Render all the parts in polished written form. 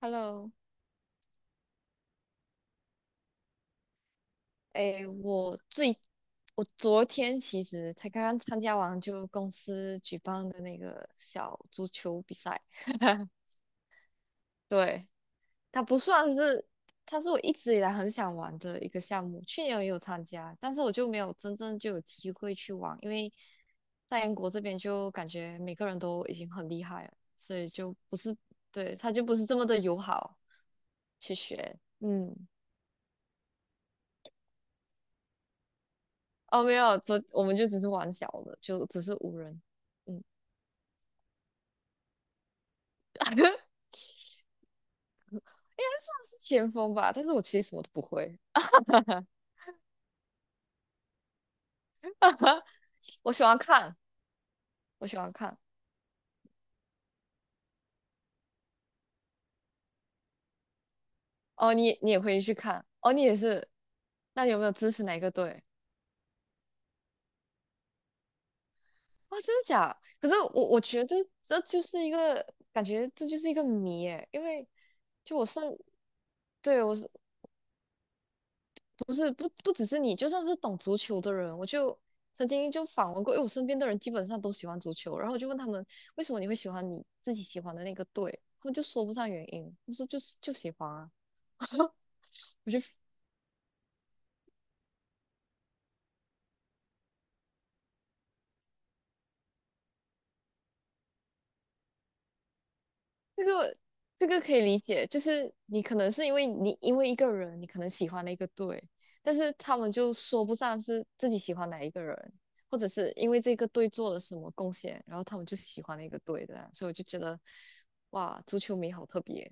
Hello。诶，我最我昨天其实才刚刚参加完公司举办的那个小足球比赛，对，它不算是，它是我一直以来很想玩的一个项目，去年也有参加，但是我就没有真正就有机会去玩，因为在英国这边就感觉每个人都已经很厉害了，所以就不是。对，它就不是这么的友好去学，嗯。哦，没有，昨我们就只是玩小的，就只是5人，嗯。应该算是前锋吧。但是我其实什么都不会。我喜欢看，我喜欢看。哦，你也会去看，哦，你也是。那你有没有支持哪一个队？哇，真的假？可是我觉得这就是一个感觉，这就是一个谜诶。因为就我身，对我是不只是你，就算是懂足球的人，我就曾经就访问过，因为我身边的人基本上都喜欢足球，然后我就问他们为什么你会喜欢你自己喜欢的那个队，他们就说不上原因，我说就是就喜欢啊。我觉得这个这个可以理解，就是你可能是因为因为一个人，你可能喜欢了一个队，但是他们就说不上是自己喜欢哪一个人，或者是因为这个队做了什么贡献，然后他们就喜欢那个队的，所以我就觉得哇，足球迷好特别。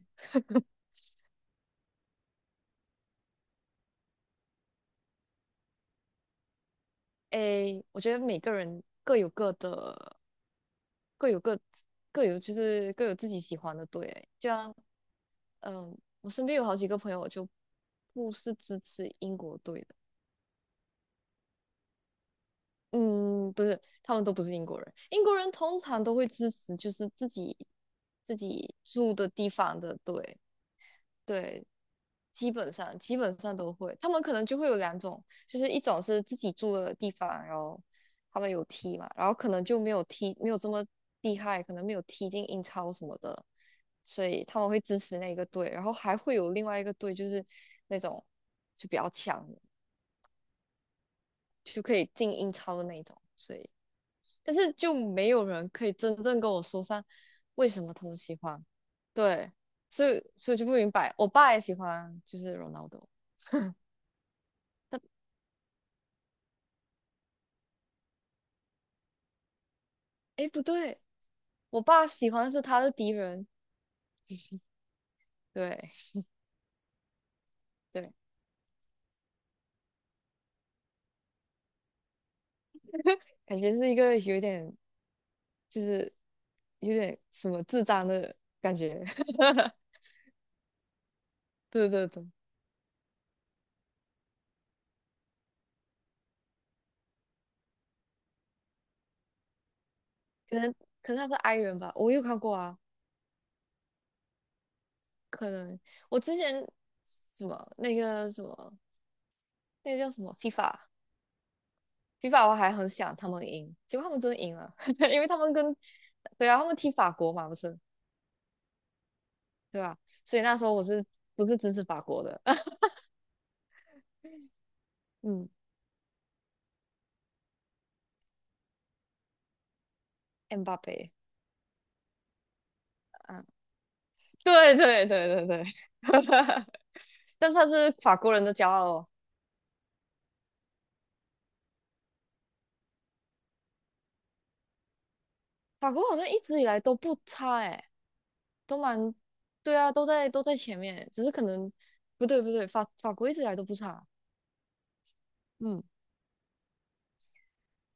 诶，我觉得每个人各有各的，各有各各有就是各有自己喜欢的队欸就像，嗯，我身边有好几个朋友就不是支持英国队的。嗯，不是，他们都不是英国人。英国人通常都会支持就是自己住的地方的队。对，基本上都会。他们可能就会有2种，就是一种是自己住的地方，然后他们有踢嘛，然后可能就没有踢，没有这么厉害，可能没有踢进英超什么的，所以他们会支持那个队。然后还会有另外一个队，就是那种就比较强的就可以进英超的那一种。所以，但是就没有人可以真正跟我说上为什么他们喜欢。对，所以就不明白，我爸也喜欢，就是 Ronaldo。哎，不对，我爸喜欢的是他的敌人。对对，感觉是一个有点就是有点什么智障的感觉。对对对，可能可能他是 i 人吧，我有看过啊。可能我之前什么那个什么那个叫什么 FIFA，FIFA 我还很想他们赢，结果他们真的赢了，因为他们跟对啊，他们踢法国嘛，不是对吧？所以那时候我是不是支持法国的？嗯，m 巴 a 嗯。对对对对对。但是他是法国人的骄傲哦。法国好像一直以来都不差诶，都蛮，对啊，都在都在前面，只是可能不对不对，法法国一直以来都不差。嗯，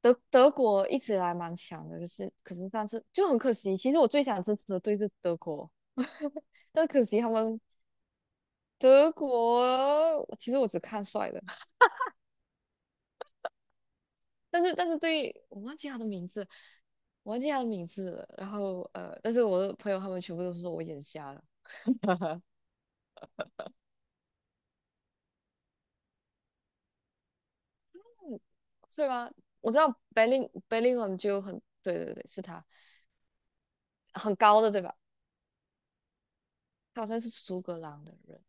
德德国一直以来蛮强的，可是上次就很可惜，其实我最想支持的队是德国。但可惜他们德国，其实我只看帅的，但是对，我忘记他的名字，我忘记他的名字了。然后但是我的朋友他们全部都是说我眼瞎了。嗯对吧？我知道 Bellingham 就很，对对对，是他，很高的对吧？他好像是苏格兰的人。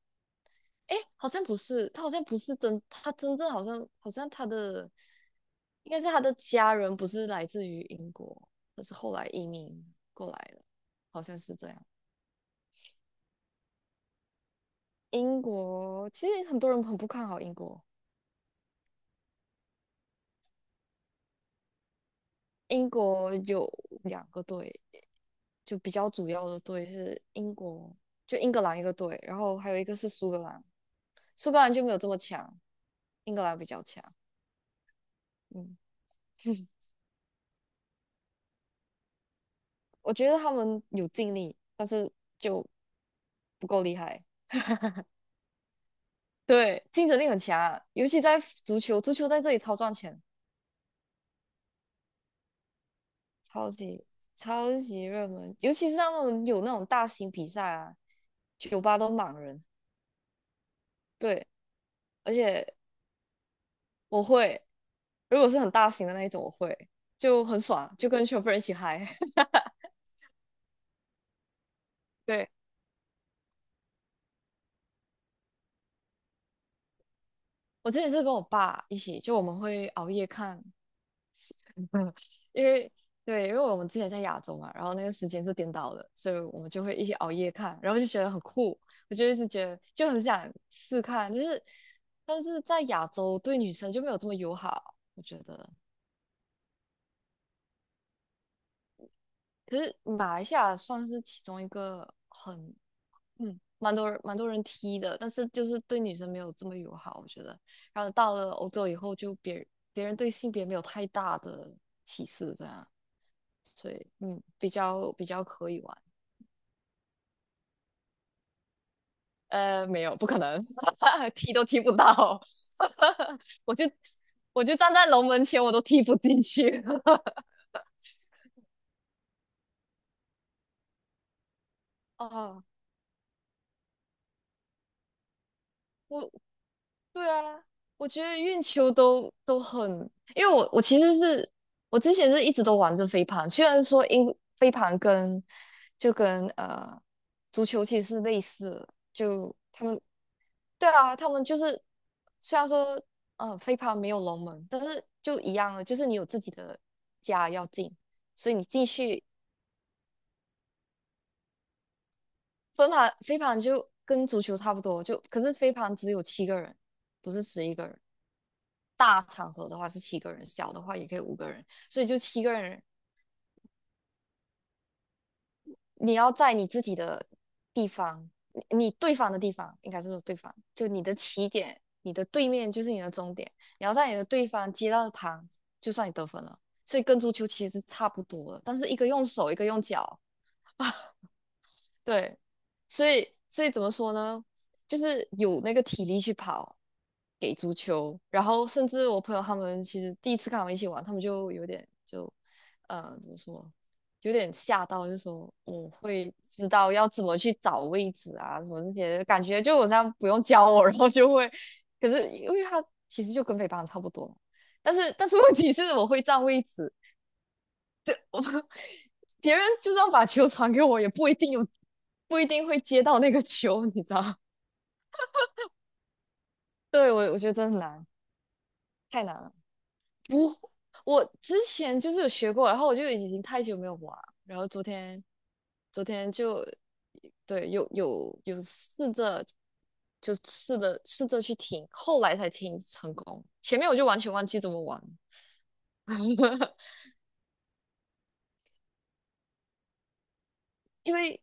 诶，好像不是，他好像不是真，他真正好像他的应该是他的家人不是来自于英国，他是后来移民过来的，好像是这样。英国其实很多人很不看好英国。英国有2个队，就比较主要的队是英国，就英格兰一个队，然后还有一个是苏格兰。苏格兰就没有这么强，英格兰比较强。嗯。我觉得他们有尽力，但是就不够厉害。对，竞争力很强啊，尤其在足球，足球在这里超赚钱，超级超级热门，尤其是他们有那种大型比赛啊，酒吧都满人。对，而且我会，如果是很大型的那一种，我会就很爽，就跟全部人一起嗨。对，我之前是跟我爸一起，就我们会熬夜看。因为对，因为我们之前在亚洲嘛，然后那个时间是颠倒的，所以我们就会一起熬夜看，然后就觉得很酷。我就一直觉得就很想试看，就是但是在亚洲对女生就没有这么友好，我觉得。可是马来西亚算是其中一个很嗯，蛮多人踢的，但是就是对女生没有这么友好，我觉得。然后到了欧洲以后，就别人对性别没有太大的歧视，这样，所以嗯，比较可以玩。没有，不可能。踢都踢不到。我就我就站在龙门前，我都踢不进去。哦，我对啊，我觉得运球都很，因为我其实是我之前是一直都玩着飞盘，虽然说飞盘跟就跟足球其实是类似的，就他们对啊，他们就是虽然说飞盘没有龙门，但是就一样了，就是你有自己的家要进，所以你进去飞盘就跟足球差不多，就可是飞盘只有七个人，不是11个人。大场合的话是七个人，小的话也可以5个人，所以就七个人。你要在你自己的地方，你对方的地方，应该是说对方，就你的起点，你的对面就是你的终点。你要在你的对方接到的旁，就算你得分了。所以跟足球其实差不多了，但是一个用手，一个用脚。对，所以怎么说呢？就是有那个体力去跑给足球，然后甚至我朋友他们其实第一次看我们一起玩，他们就有点就，怎么说，有点吓到，就说我会知道要怎么去找位置啊，什么这些，感觉就我这样不用教我，然后就会，可是因为他其实就跟北方差不多，但是问题是我会占位置，别人就算把球传给我，也不一定有，不一定会接到那个球，你知道？对，我觉得真的很难，太难了。不，我之前就是有学过，然后我就已经太久没有玩了，然后昨天，昨天就，对，有有试着，就试着去听，后来才听成功，前面我就完全忘记怎么玩。因为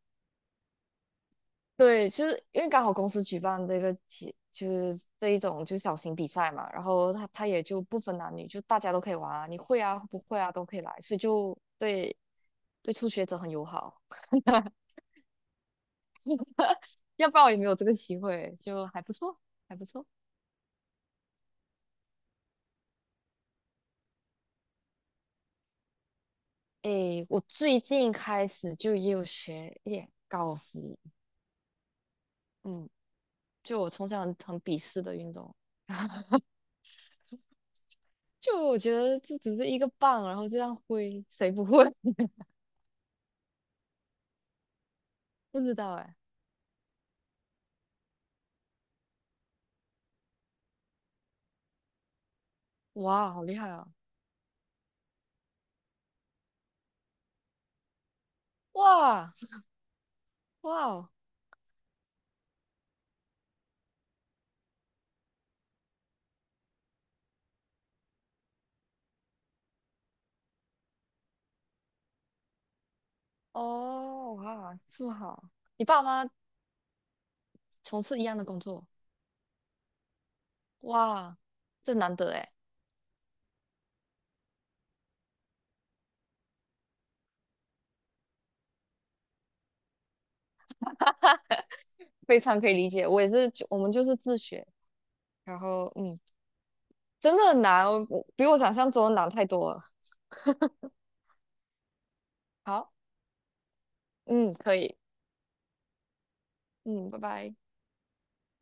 对，其是因为刚好公司举办这个节，就是这一种就是小型比赛嘛，然后他也就不分男女，就大家都可以玩啊，你会啊不会啊都可以来，所以就对对初学者很友好，要不然我也没有这个机会，就还不错，还不错。诶，我最近开始就也有学一点高尔夫。嗯，就我从小很鄙视的运动，就我觉得就只是一个棒，然后这样挥，谁不会？不知道哎。哇，好厉害啊！哇哇！哦，哇，这么好！你爸妈从事一样的工作，哇，这难得哎。非常可以理解。我也是就，我们就是自学，然后嗯，真的很难，我比我想象中的难太多了。好，嗯，可以，嗯，拜拜。